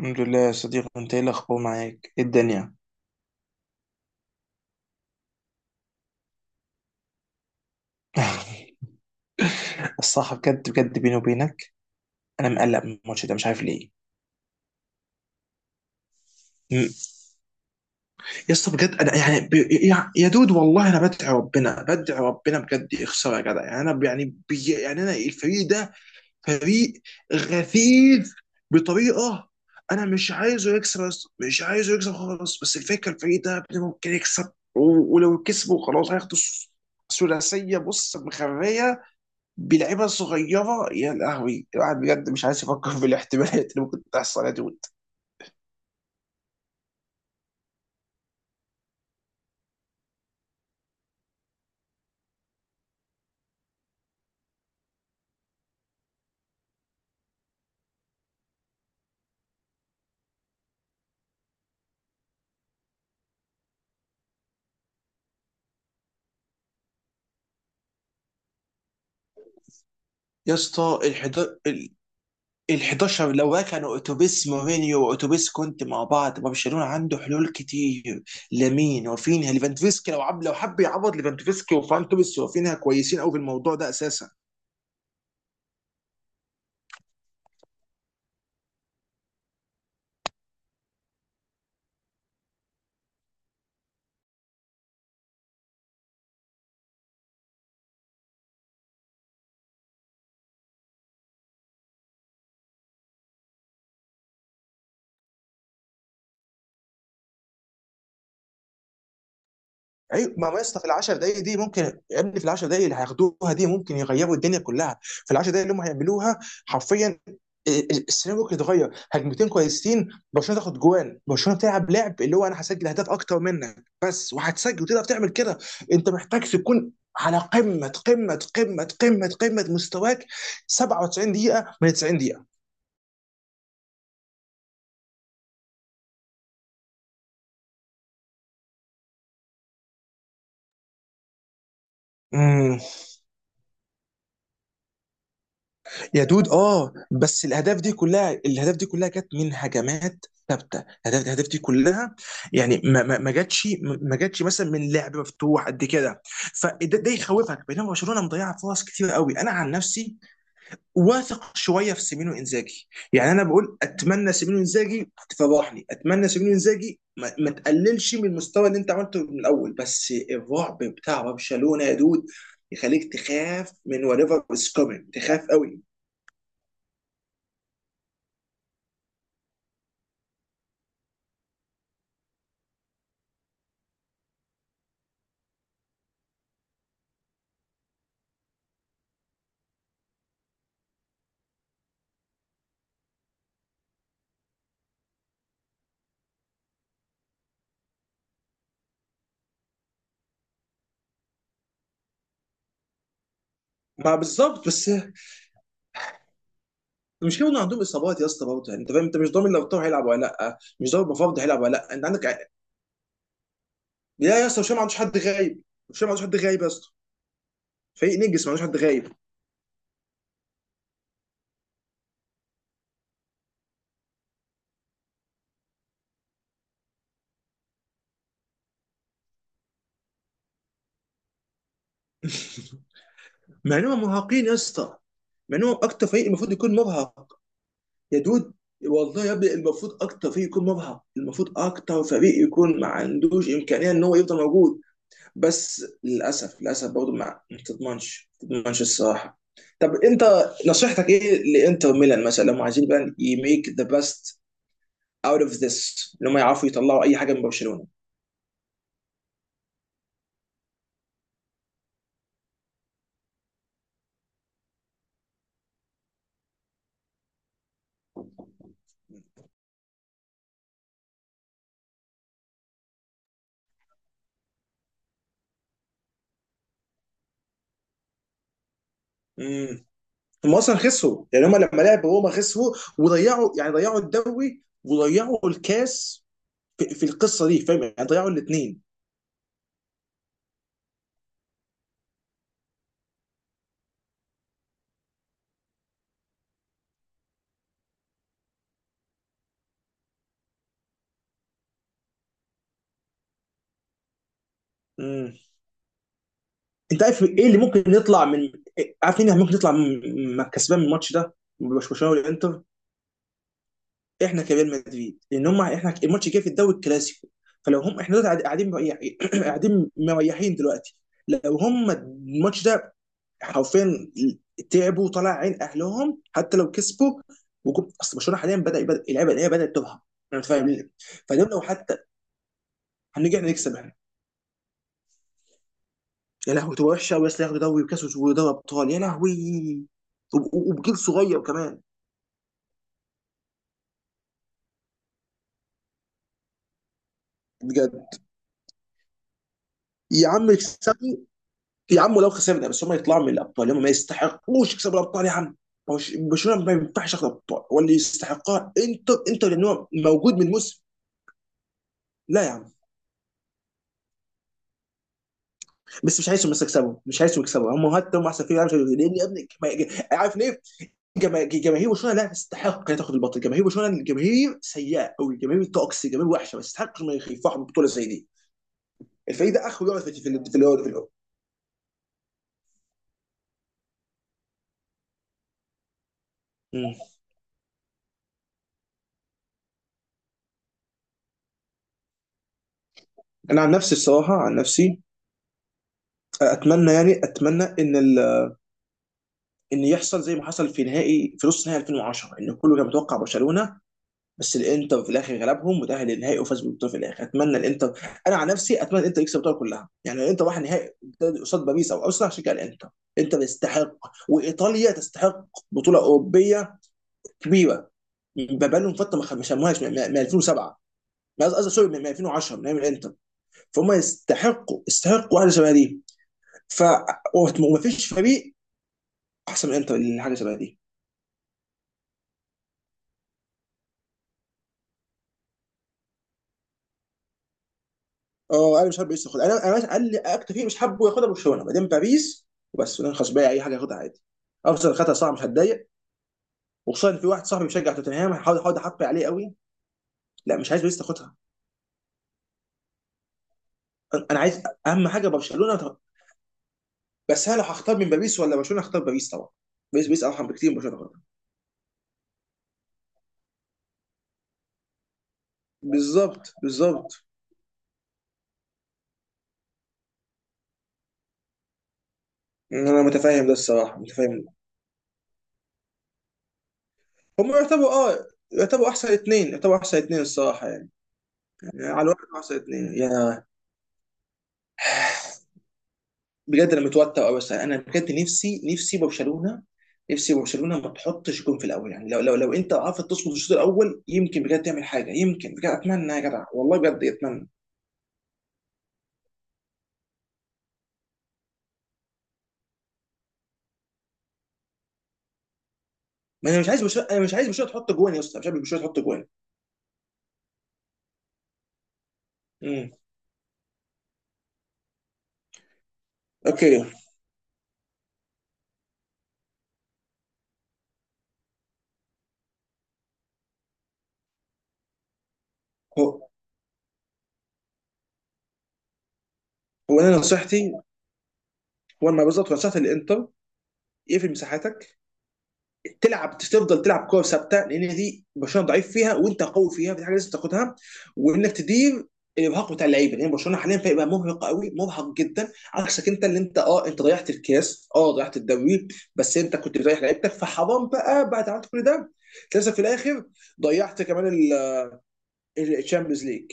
الحمد لله يا صديقي، انت ايه الاخبار؟ معاك ايه الدنيا؟ الصراحه بجد بجد، بيني وبينك، انا مقلق من الماتش ده، مش عارف ليه. م- يا اسطى بجد، انا يعني يا دود، والله انا بدعي ربنا بدعي ربنا بجد يخسر، يا جدع. يعني انا ب- يعني بي يعني انا الفريق ده فريق غثيث بطريقه. انا مش عايزه يكسب يا اسطى، مش عايزه يكسب خالص. بس الفكره، الفريق ده يا ابني ممكن يكسب ولو كسبوا خلاص هياخدوا الثلاثيه. بص، مخريه بلعيبه صغيره. يا لهوي، الواحد بجد مش عايز يفكر في الاحتمالات اللي ممكن تحصل يا دود. يا اسطى ال حداشر، ال 11 لو كانوا اتوبيس مورينيو واتوبيس كونتي مع بعض، برشلونه عنده حلول كتير. لامين وفينها ليفاندوفسكي، لو عب لو حب يعوض ليفاندوفسكي وفان توريس وفينها كويسين قوي في الموضوع ده اساسا. ايوه، ما هو يا اسطى في ال 10 دقائق دي ممكن، يا ابني في ال 10 دقائق اللي هياخدوها دي ممكن يغيروا الدنيا كلها في ال 10 دقائق اللي هم هيعملوها حرفيا. السيناريو ممكن يتغير. هجمتين كويسين برشلونه تاخد جوان، برشلونه بتلعب لعب اللي هو انا هسجل اهداف اكتر منك بس، وهتسجل وتقدر تعمل كده. انت محتاج تكون على قمه قمه قمه قمه قمه مستواك، 97 دقيقه من 90 دقيقه. يا دود اه، بس الاهداف دي كلها، الاهداف دي كلها جت من هجمات ثابته. الاهداف الاهداف دي كلها يعني ما جاتش مثلا من لعب مفتوح قد كده. فده ده يخوفك، بينما برشلونه مضيعه فرص كتير قوي. انا عن نفسي واثق شويه في سيمينو انزاجي. يعني انا بقول، اتمنى سيمينو انزاجي تفضحني، اتمنى سيمينو انزاجي ما تقللش من المستوى اللي انت عملته من الاول. بس الرعب بتاع برشلونه يا دود يخليك تخاف من whatever is coming، تخاف قوي. ما بالظبط، بس المشكله انه عندهم اصابات يا اسطى برضه. يعني انت فاهم، انت مش ضامن لو طاهر هيلعب ولا لا، مش ضامن المفروض هيلعب ولا لا، انت عندك. لا يا اسطى، هشام ما عندوش حد غايب، هشام ما عندوش حد غايب يا اسطى. فريق نجس ما عندوش حد غايب. مع انهم مرهقين يا اسطى، مع انهم اكتر فريق المفروض يكون مرهق. يا دود والله يا ابني المفروض اكتر فريق يكون مرهق، المفروض اكتر فريق يكون ما عندوش امكانيه ان هو يفضل موجود. بس للاسف للاسف برضه ما تضمنش ما تضمنش الصراحه. طب انت، نصيحتك ايه لانتر ميلان مثلا لو هم عايزين بقى يميك ذا بيست اوت اوف ذس؟ ان هم يعرفوا يطلعوا اي حاجه من برشلونه؟ امم. هم اصلا خسروا، يعني هم لما لعبوا روما خسروا وضيعوا، يعني ضيعوا الدوري وضيعوا الكاس في القصه دي، فاهم؟ يعني ضيعوا الاثنين. امم. انت عارف ايه اللي ممكن يطلع من، عارف مين ممكن يطلع كسبان من الماتش ده؟ مش برشلونه والانتر، احنا كريال مدريد. لان هم احنا، الماتش جاي في الدوري الكلاسيكو، فلو هم احنا دلوقتي قاعدين مريحين قاعدين مريحين دلوقتي، لو هم الماتش ده حرفيا تعبوا وطلع عين اهلهم حتى لو كسبوا. اصل برشلونه حاليا بدا يبدا اللعيبه اللي هي بدات تبهر، انا مش فاهم ليه. فدول لو حتى هنيجي احنا نكسب احنا، يا لهوي تبقى وحشه قوي اصل. ياخدوا دوري وكاس ودوري ابطال، يا لهوي. وبجيل صغير كمان. بجد. يا عم اكسبوا، يا عم لو خسرنا بس هم يطلعوا من الابطال. هم ما يستحقوش يكسبوا الابطال يا عم. برشلونه ما ينفعش ياخد ابطال، واللي يستحقها انتر. انتر لان هو موجود من الموسم. لا يا عم، بس مش عايزهم بس يكسبوا، مش عايزهم يكسبوا هم حتى. هم احسن فريق، مش عايزهم. لان يا ابني عارف ليه؟ جماهير برشلونه لا تستحق انها تاخد البطل. جماهير برشلونه الجماهير سيئه قوي، جماهير توكسي، جماهير وحشه، ما يستحقش ما يفرحوا ببطوله زي دي. الفريق ده اخره يقعد في الاول. مم. انا عن نفسي الصراحه، عن نفسي اتمنى، يعني اتمنى ان يحصل زي ما حصل في نهائي، في نص نهائي 2010، ان كله كان متوقع برشلونه بس الانتر في الاخر غلبهم وتاهل للنهائي وفاز بالبطوله في الاخر. اتمنى الانتر، انا عن نفسي اتمنى الانتر يكسب البطوله كلها. يعني الانتر راح نهائي قصاد باريس او اوسلع عشان كده. الانتر، الانتر يستحق، وايطاليا تستحق بطوله اوروبيه كبيره. بقى لهم فتره ما سموهاش من 2007، قصدي سوري، من 2010، من ايام الانتر. فهم يستحقوا، يستحقوا حاجه شبه دي. ف ومفيش فريق احسن من الانتر حاجه شبه دي. اه، انا مش حابب باريس تاخدها. انا انا قال لي اكتر فريق مش حابه ياخدها برشلونه، بعدين باريس، وبس. انا خلاص باقي اي حاجه ياخدها عادي. ارسنال خدها صعب، مش هتضايق. وخصوصا إن في واحد صاحبي بيشجع توتنهام، هحاول هحاول احط عليه قوي. لا مش عايز باريس تاخدها. انا أنا عايز اهم حاجه برشلونه بس انا لو هختار من باريس ولا برشلونه هختار باريس طبعا. باريس، باريس ارحم بكتير من برشلونه تاخدها. بالظبط بالظبط. انا متفاهم ده الصراحه متفاهم. هم يعتبروا اه، يعتبروا احسن اثنين، يعتبروا احسن اثنين الصراحه يعني. يعني على الواقع احسن اثنين يعني. بجد انا متوتر قوي. بس انا بجد نفسي، نفسي برشلونه، نفسي برشلونه ما تحطش جون في الاول. يعني لو انت عرفت تصمد الشوط الاول يمكن بجد تعمل حاجه. يمكن بجد اتمنى يا جدع، والله بجد اتمنى. ما انا مش عايز برشلونه، انا مش عايز برشلونه تحط جوان يا اسطى، مش عايز برشلونه تحط جوان. امم. اوكي. هو هو انا نصيحتي، هو ما بالظبط نصيحتي للانتر: اقفل مساحاتك، تلعب، تفضل تلعب كوره ثابته لان دي برشلونه ضعيف فيها وانت قوي فيها، فدي حاجه لازم تاخدها. وانك تدير الارهاق بتاع اللعيبه، لان يعني برشلونه حاليا فريق بقى مرهق قوي، مرهق جدا عكسك. انت اللي انت اه انت ضيعت الكاس، اه ضيعت الدوري، بس انت كنت بتريح لعيبتك، فحرام بقى بعد عملت كل ده للاسف في الاخر ضيعت كمان الشامبيونز ليج.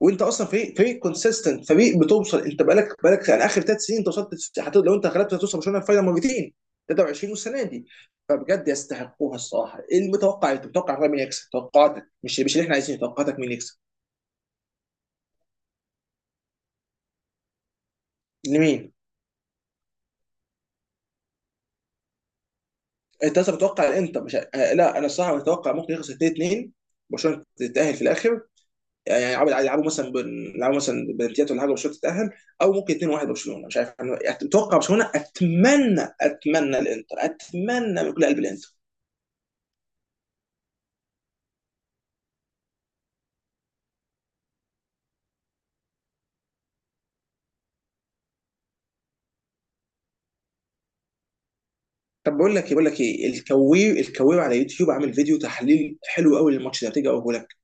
وانت اصلا فريق، فريق كونسيستنت، فريق بتوصل. انت بقالك يعني اخر ثلاث سنين انت وصلت، لو انت غلبت هتوصل برشلونه الفاينل مرتين. 23 والسنه دي. فبجد يستحقوها الصراحه. ايه المتوقع إيه؟ انت متوقع فعلا مين يكسب؟ توقعاتك، مش مش اللي احنا عايزينه، توقعاتك مين يكسب؟ لمين؟ انت اصلا متوقع الانتر مش آه، لا انا الصراحه متوقع ممكن يخسر 2-2، برشلونه تتاهل في الاخر. يعني يلعبوا يلعبوا مثلا يلعبوا مثلا بنتيات ولا حاجه، برشلونه تتاهل. او ممكن 2-1 برشلونه، مش عارف، انا اتوقع برشلونه. اتمنى، اتمنى الانتر، اتمنى من كل قلب الانتر. طب بقول لك ايه، بقول لك ايه، الكوير، الكوير على يوتيوب عامل فيديو تحليل حلو قوي للماتش ده، تيجي اقوله لك؟